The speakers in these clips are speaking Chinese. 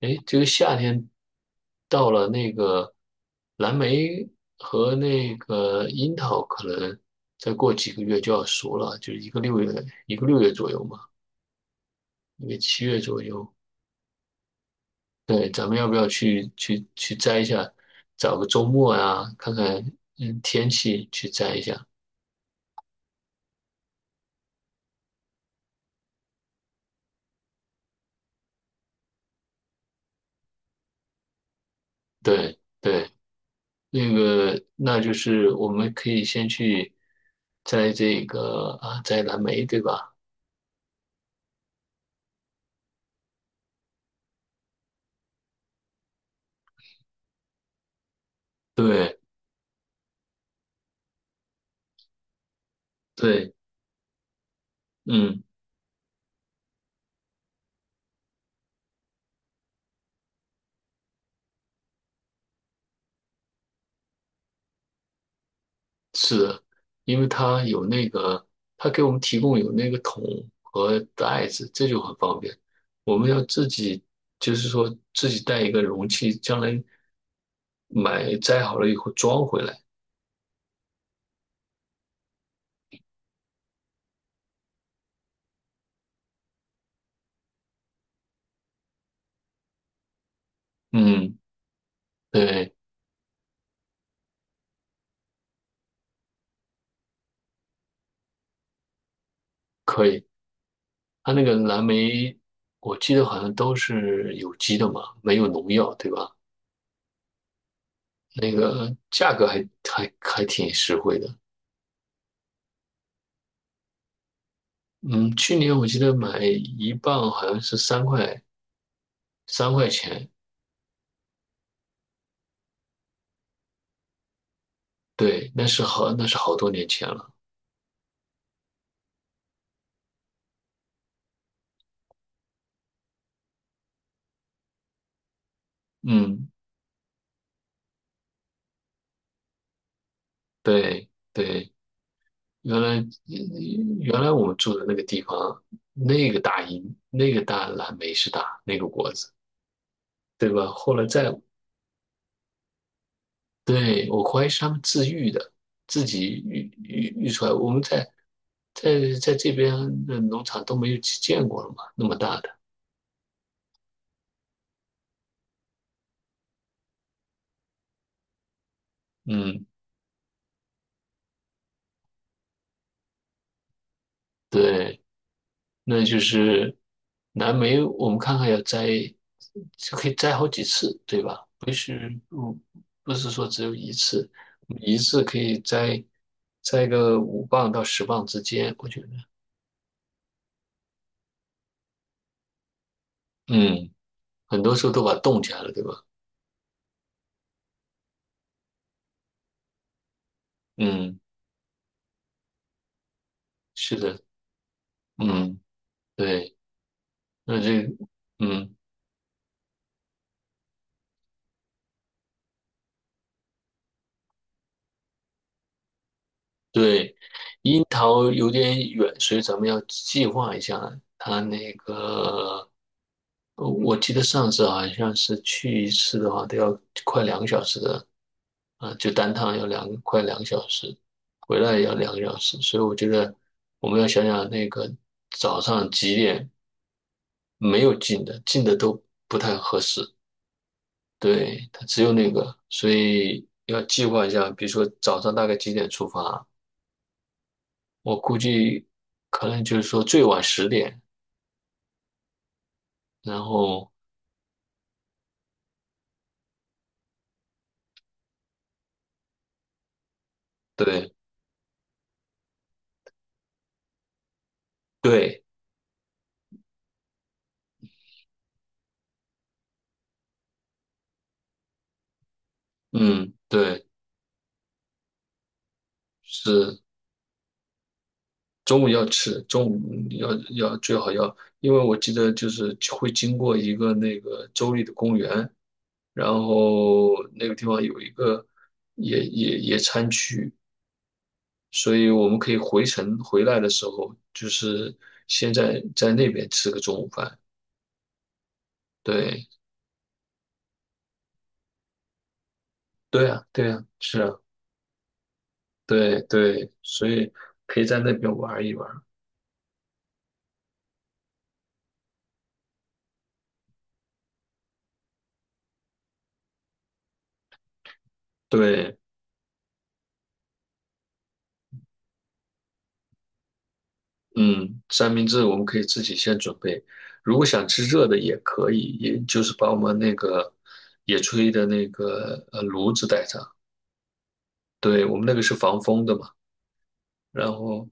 哎，这个夏天到了，那个蓝莓和那个樱桃可能再过几个月就要熟了，就是一个六月，一个六月左右嘛，因为7月左右。对，咱们要不要去摘一下？找个周末啊，看看天气去摘一下。对对，那就是我们可以先去摘这个啊，摘蓝莓，对吧？对对，嗯。是的，因为它有那个，它给我们提供有那个桶和袋子，这就很方便。我们要自己，就是说自己带一个容器，将来摘好了以后装回来。嗯，对，可以。它那个蓝莓，我记得好像都是有机的嘛，没有农药，对吧？那个价格还挺实惠的。嗯，去年我记得买1磅好像是三块钱，对，那是好多年前了。嗯，对对，原来我们住的那个地方，那个大樱，那个大蓝莓是大那个果子，对吧？后来在，对，我怀疑是他们自育的，自己育出来。我们在这边的农场都没有见过了嘛，那么大的。嗯，对。那就是蓝莓，我们看看要摘，就可以摘好几次，对吧？不是，不是说只有一次，一次可以摘个5磅到10磅之间，我觉得，嗯，很多时候都把它冻起来了，对吧？嗯，是的，嗯，对，那这，嗯，对，樱桃有点远，所以咱们要计划一下它那个。我记得上次好像是去一次的话，都要快两个小时的，啊、就单趟要快两个小时，回来也要两个小时，所以我觉得我们要想想那个早上几点没有进的，进的都不太合适，对，它只有那个，所以要计划一下，比如说早上大概几点出发，我估计可能就是说最晚十点，然后对对，嗯对。是，中午要吃，中午要要最好要，因为我记得就是会经过一个那个州立的公园，然后那个地方有一个野餐区，所以我们可以回程回来的时候，就是先在那边吃个中午饭。对，对啊，对啊，是啊，对对，所以可以在那边玩一玩。对。嗯，三明治我们可以自己先准备，如果想吃热的也可以，也就是把我们那个野炊的那个炉子带上，对，我们那个是防风的嘛，然后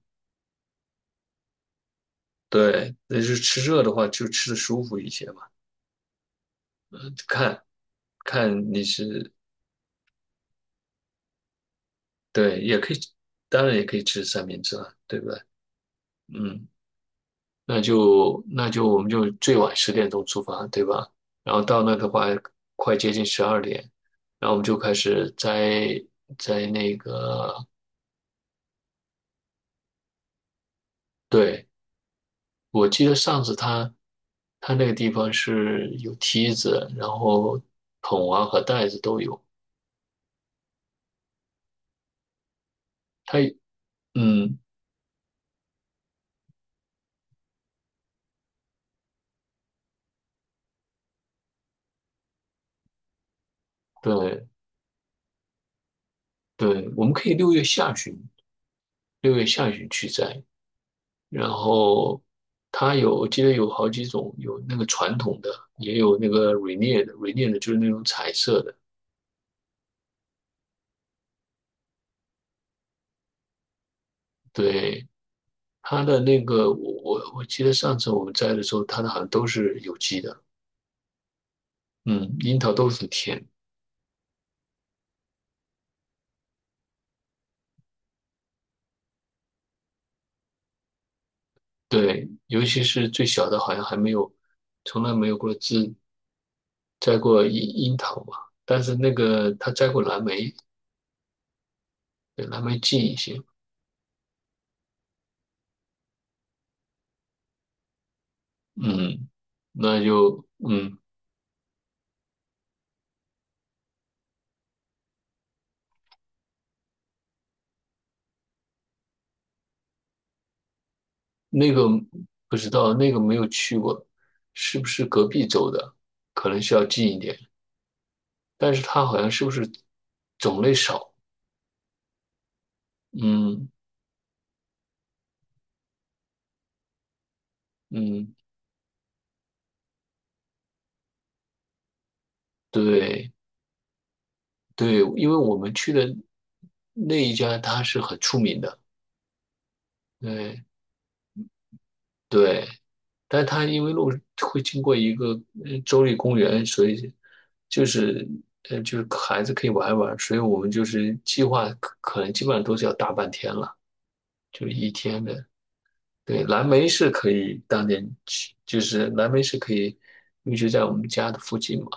对，那就是吃热的话就吃的舒服一些嘛，看看你是对，也可以，当然也可以吃三明治了，对不对？嗯。那就我们就最晚10点钟出发，对吧？然后到那的话，快接近12点，然后我们就开始摘那个。对，我记得上次他那个地方是有梯子，然后桶啊和袋子都有。他嗯，对对，我们可以六月下旬去摘。然后它有，我记得有好几种，有那个传统的，也有那个 r a n i e 的 Ranie 的就是那种彩色的。对，它的那个，我记得上次我们摘的时候，它的好像都是有机的，嗯，樱桃都很甜。对，尤其是最小的，好像还没有，从来没有过摘过樱桃嘛。但是那个他摘过蓝莓，对，蓝莓近一些。嗯，那就嗯。那个不知道，那个没有去过，是不是隔壁州的？可能需要近一点，但是它好像是不是种类少？嗯嗯，对对，因为我们去的那一家它是很出名的，对对，但它因为路会经过一个州立公园，所以就是就是孩子可以玩一玩，所以我们就是计划可能基本上都是要大半天了，就是一天的。对，蓝莓是可以当年去，就是蓝莓是可以一直在我们家的附近嘛。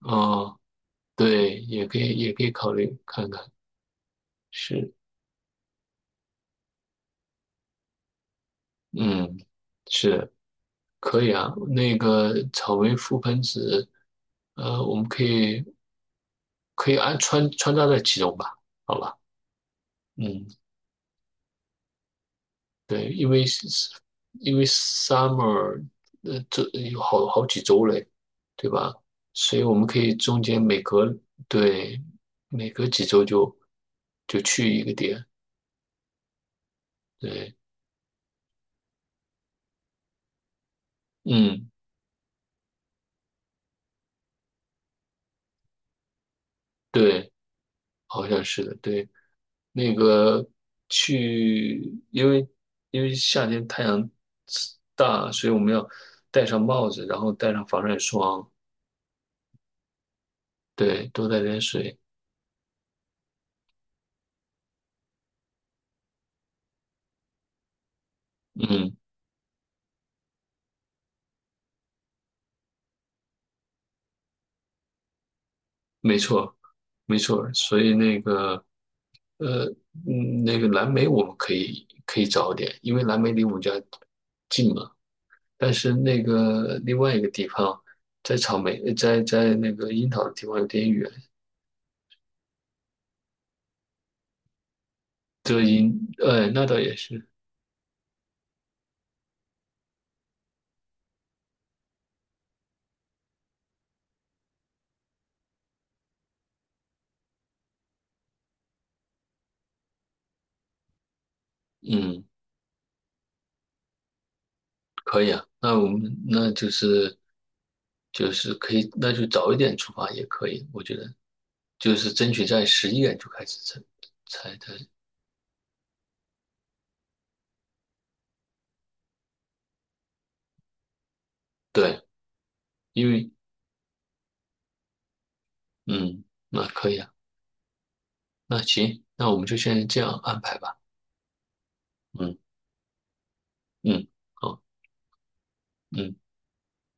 啊、对，也可以，也可以考虑看看。是，嗯，是可以啊。那个草莓覆盆子，我们可以穿插在其中吧？好吧，嗯。对，因为 summer 这有好几周嘞，对吧？所以我们可以中间对，每隔几周就去一个点，对，嗯，对，好像是的，对，那个去，因为因为夏天太阳大，所以我们要戴上帽子，然后戴上防晒霜，对，多带点水，嗯，没错。没错儿所以呃，那个蓝莓我们可以早点，因为蓝莓离我们家近嘛。但是那个另外一个地方，在草莓，呃在那个樱桃的地方有点远。这樱，哎，那倒也是，嗯，可以啊。那我们那就是可以，那就早一点出发也可以，我觉得就是争取在11点就开始才对，因为嗯，那可以啊。那行，那我们就先这样安排吧。嗯嗯。好。嗯。